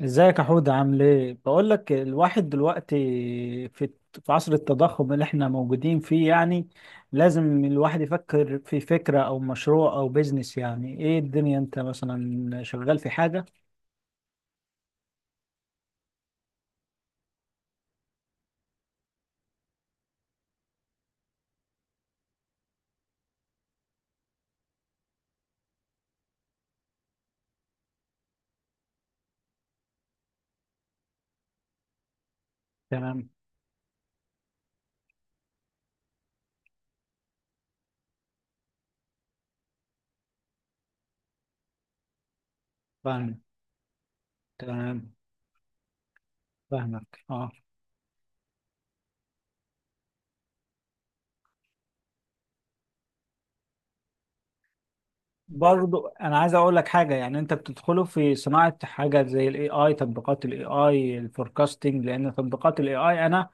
ازيك يا حود، عامل ايه؟ بقول لك، الواحد دلوقتي في في عصر التضخم اللي احنا موجودين فيه، يعني لازم الواحد يفكر في فكرة او مشروع او بيزنس، يعني ايه الدنيا؟ انت مثلا شغال في حاجة؟ تمام. فاهم. تمام. فاهمك. اه. برضو انا عايز اقول لك حاجه، يعني انت بتدخله في صناعه حاجه زي الاي اي، تطبيقات الاي اي الفوركاستنج، لان تطبيقات الاي اي، انا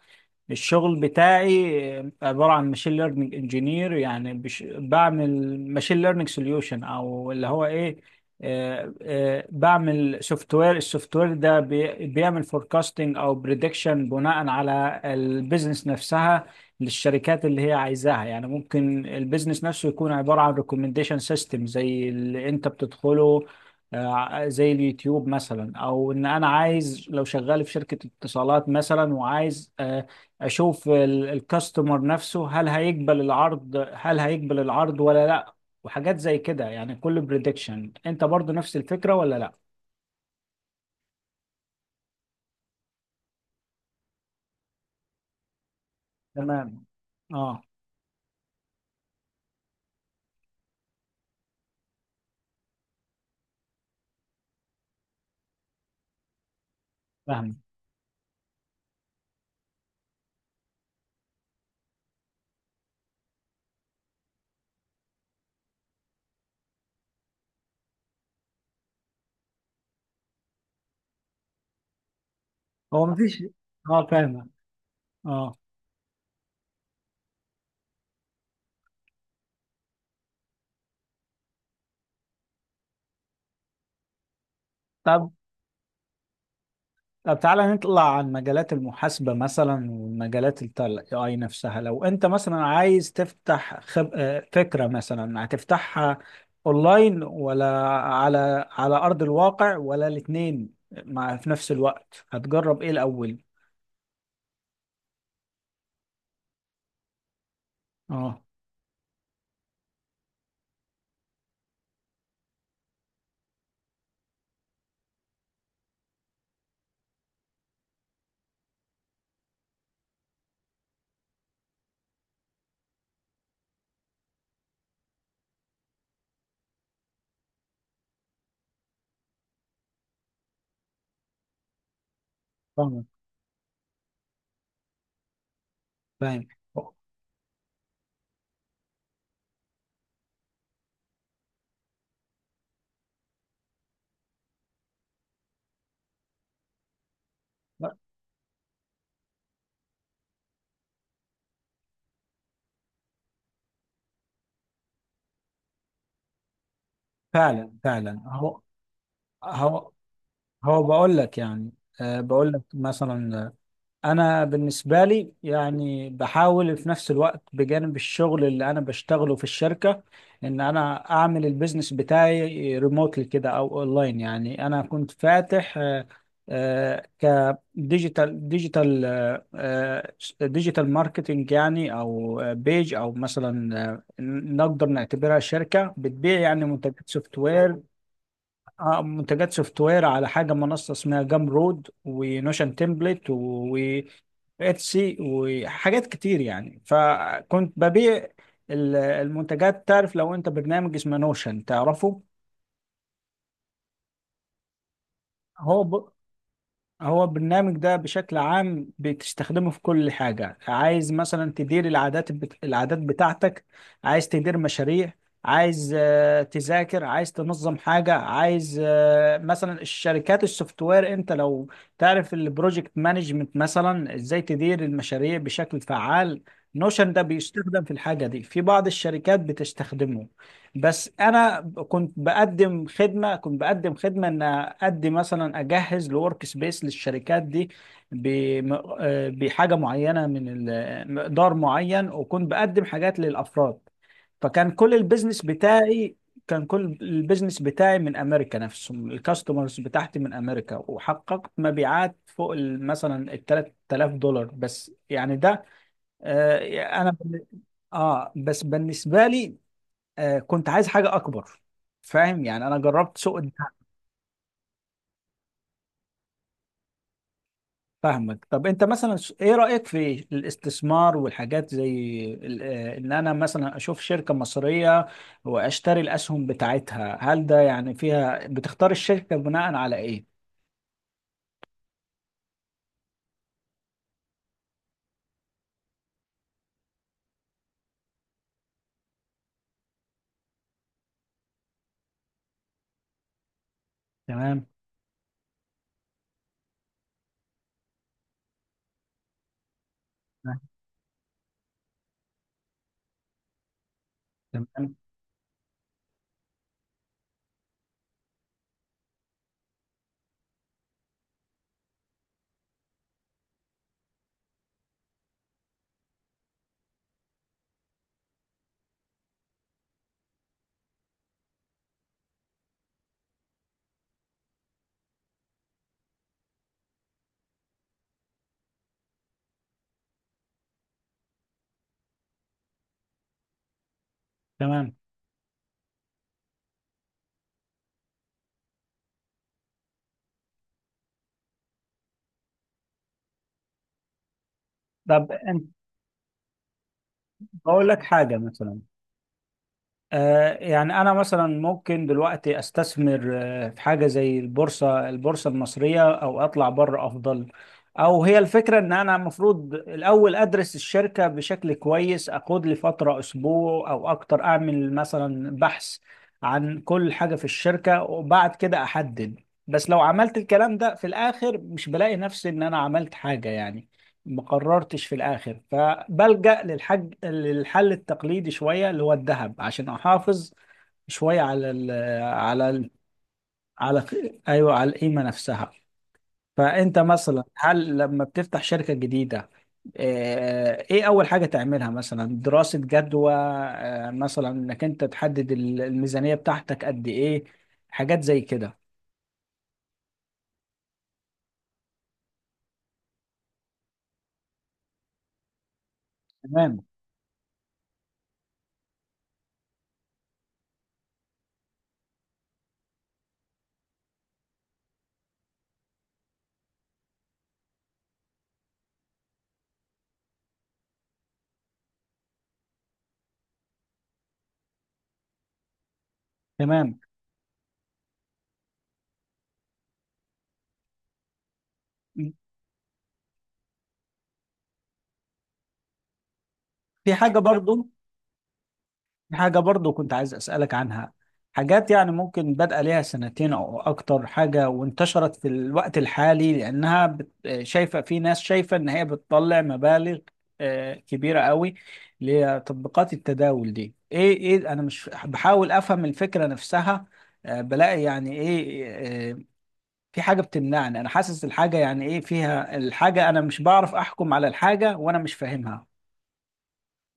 الشغل بتاعي عبارة عن ماشين ليرنينج انجينير، يعني بعمل ماشين ليرنينج سوليوشن، او اللي هو ايه، بعمل سوفت وير. السوفت وير ده بيعمل فوركاستنج او بريدكشن بناء على البيزنس نفسها للشركات اللي هي عايزاها. يعني ممكن البيزنس نفسه يكون عبارة عن ريكومنديشن سيستم زي اللي انت بتدخله، زي اليوتيوب مثلا، او ان انا عايز، لو شغال في شركة اتصالات مثلا، وعايز اشوف الكاستمر نفسه، هل هيقبل العرض، هل هيقبل العرض ولا لا، وحاجات زي كده. يعني كل بريدكشن انت برضو نفس الفكرة ولا لا؟ تمام. اه. فاهم. هو مفيش. اه، فاهمة. اه. طب طب تعالى نطلع عن مجالات المحاسبة مثلا، ومجالات ال AI نفسها. لو انت مثلا عايز تفتح خب... آه، فكرة، مثلا هتفتحها اونلاين، ولا على ارض الواقع، ولا الاتنين مع في نفس الوقت؟ هتجرب ايه الاول؟ اه، فاهم، فاهم. فعلا فعلا. هو هو بقول لك، يعني بقول لك مثلا، انا بالنسبه لي، يعني بحاول في نفس الوقت بجانب الشغل اللي انا بشتغله في الشركه، ان انا اعمل البيزنس بتاعي ريموتلي كده او اونلاين. يعني انا كنت فاتح آه، آه، كديجيتال ديجيتال ديجيتال ماركتنج يعني، او بيج، او مثلا نقدر نعتبرها شركه بتبيع يعني منتجات سوفت وير، منتجات سوفت وير على حاجه، منصه اسمها جام رود ونوشن تمبلت و اتسي، وحاجات كتير. يعني فكنت ببيع المنتجات. تعرف لو انت برنامج اسمه نوشن؟ تعرفه؟ هو ب... هو البرنامج ده بشكل عام بتستخدمه في كل حاجة، عايز مثلا تدير العادات العادات بتاعتك، عايز تدير مشاريع، عايز تذاكر، عايز تنظم حاجة، عايز مثلا الشركات السوفت وير، انت لو تعرف البروجكت مانجمنت، مثلا ازاي تدير المشاريع بشكل فعال، نوشن ده بيستخدم في الحاجة دي، في بعض الشركات بتستخدمه. بس انا كنت بقدم خدمه، ان اقدم مثلا، اجهز لورك سبيس للشركات دي بم- بحاجه معينه، من مقدار معين، وكنت بقدم حاجات للافراد. فكان كل البيزنس بتاعي من امريكا، نفسهم الكاستمرز بتاعتي من امريكا، وحققت مبيعات فوق مثلا ال $3000، بس يعني ده آه، انا بن- اه، بس بالنسبه لي كنت عايز حاجة أكبر. فاهم يعني، أنا جربت سوق فاهمك. طب أنت مثلا إيه رأيك في الاستثمار والحاجات زي إن أنا مثلا أشوف شركة مصرية وأشتري الأسهم بتاعتها؟ هل ده يعني، فيها بتختار الشركة بناء على إيه؟ تمام. تمام. تمام. تمام. طب أنت، بقول لك حاجة مثلا، يعني أنا مثلا ممكن دلوقتي أستثمر في حاجة زي البورصة المصرية، أو أطلع بره أفضل؟ أو هي الفكرة إن أنا المفروض الأول أدرس الشركة بشكل كويس، أخد لي فترة أسبوع أو أكتر، أعمل مثلا بحث عن كل حاجة في الشركة وبعد كده أحدد؟ بس لو عملت الكلام ده، في الآخر مش بلاقي نفسي إن أنا عملت حاجة، يعني ما قررتش في الاخر. فبلجأ للحل التقليدي شويه، اللي هو الذهب، عشان احافظ شويه على ال على، ايوه، على القيمه نفسها. فانت مثلا، هل لما بتفتح شركه جديده ايه اول حاجه تعملها؟ مثلا دراسه جدوى، مثلا انك انت تحدد الميزانيه بتاعتك قد ايه، حاجات زي كده؟ تمام. تمام. في حاجه برضو، في حاجة برضو كنت عايز أسألك عنها. حاجات يعني ممكن بدأ ليها سنتين أو أكتر، حاجة وانتشرت في الوقت الحالي، لأنها شايفة في ناس شايفة إن هي بتطلع مبالغ كبيرة قوي لتطبيقات التداول دي. إيه أنا مش بحاول أفهم الفكرة نفسها، بلاقي يعني إيه، آه، في حاجة بتمنعني. أنا حاسس الحاجة يعني إيه فيها الحاجة، أنا مش بعرف أحكم على الحاجة وأنا مش فاهمها.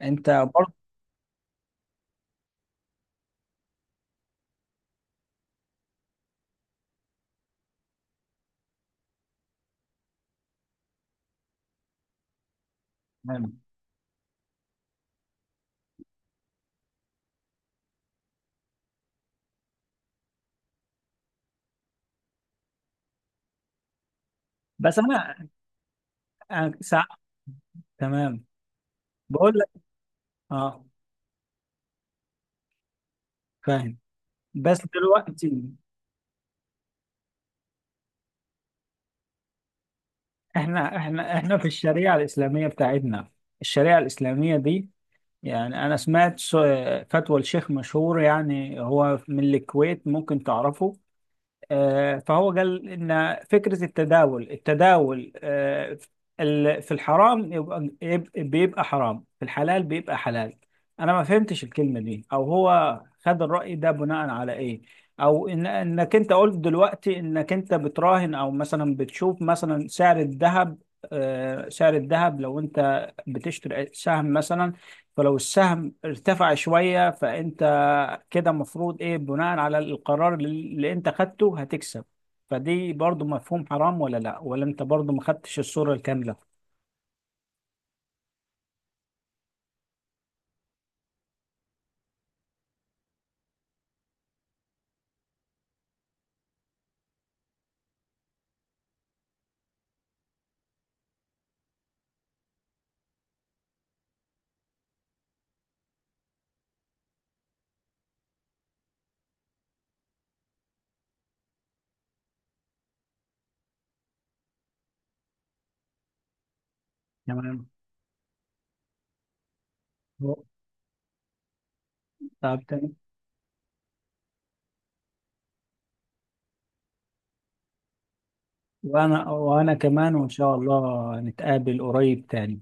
أنت برضو؟ تمام. بس أنا، أنا سع... تمام، بقول لك. اه، فاهم. بس دلوقتي، احنا في الشريعة الإسلامية بتاعتنا، الشريعة الإسلامية دي، يعني أنا سمعت فتوى الشيخ مشهور، يعني هو من الكويت، ممكن تعرفه. فهو قال ان فكره التداول في الحرام يبقى، بيبقى حرام، في الحلال بيبقى حلال. انا ما فهمتش الكلمه دي، او هو خد الراي ده بناء على ايه؟ او إن انك انت قلت دلوقتي انك انت بتراهن، او مثلا بتشوف مثلا سعر الذهب، لو انت بتشتري سهم مثلا، فلو السهم ارتفع شويه، فانت كده المفروض ايه، بناء على القرار اللي انت خدته هتكسب. فدي برضو مفهوم حرام ولا لا؟ ولا انت برضو ما خدتش الصورة الكاملة؟ تمام. طب، تمام. وانا كمان، وان شاء الله نتقابل قريب تاني.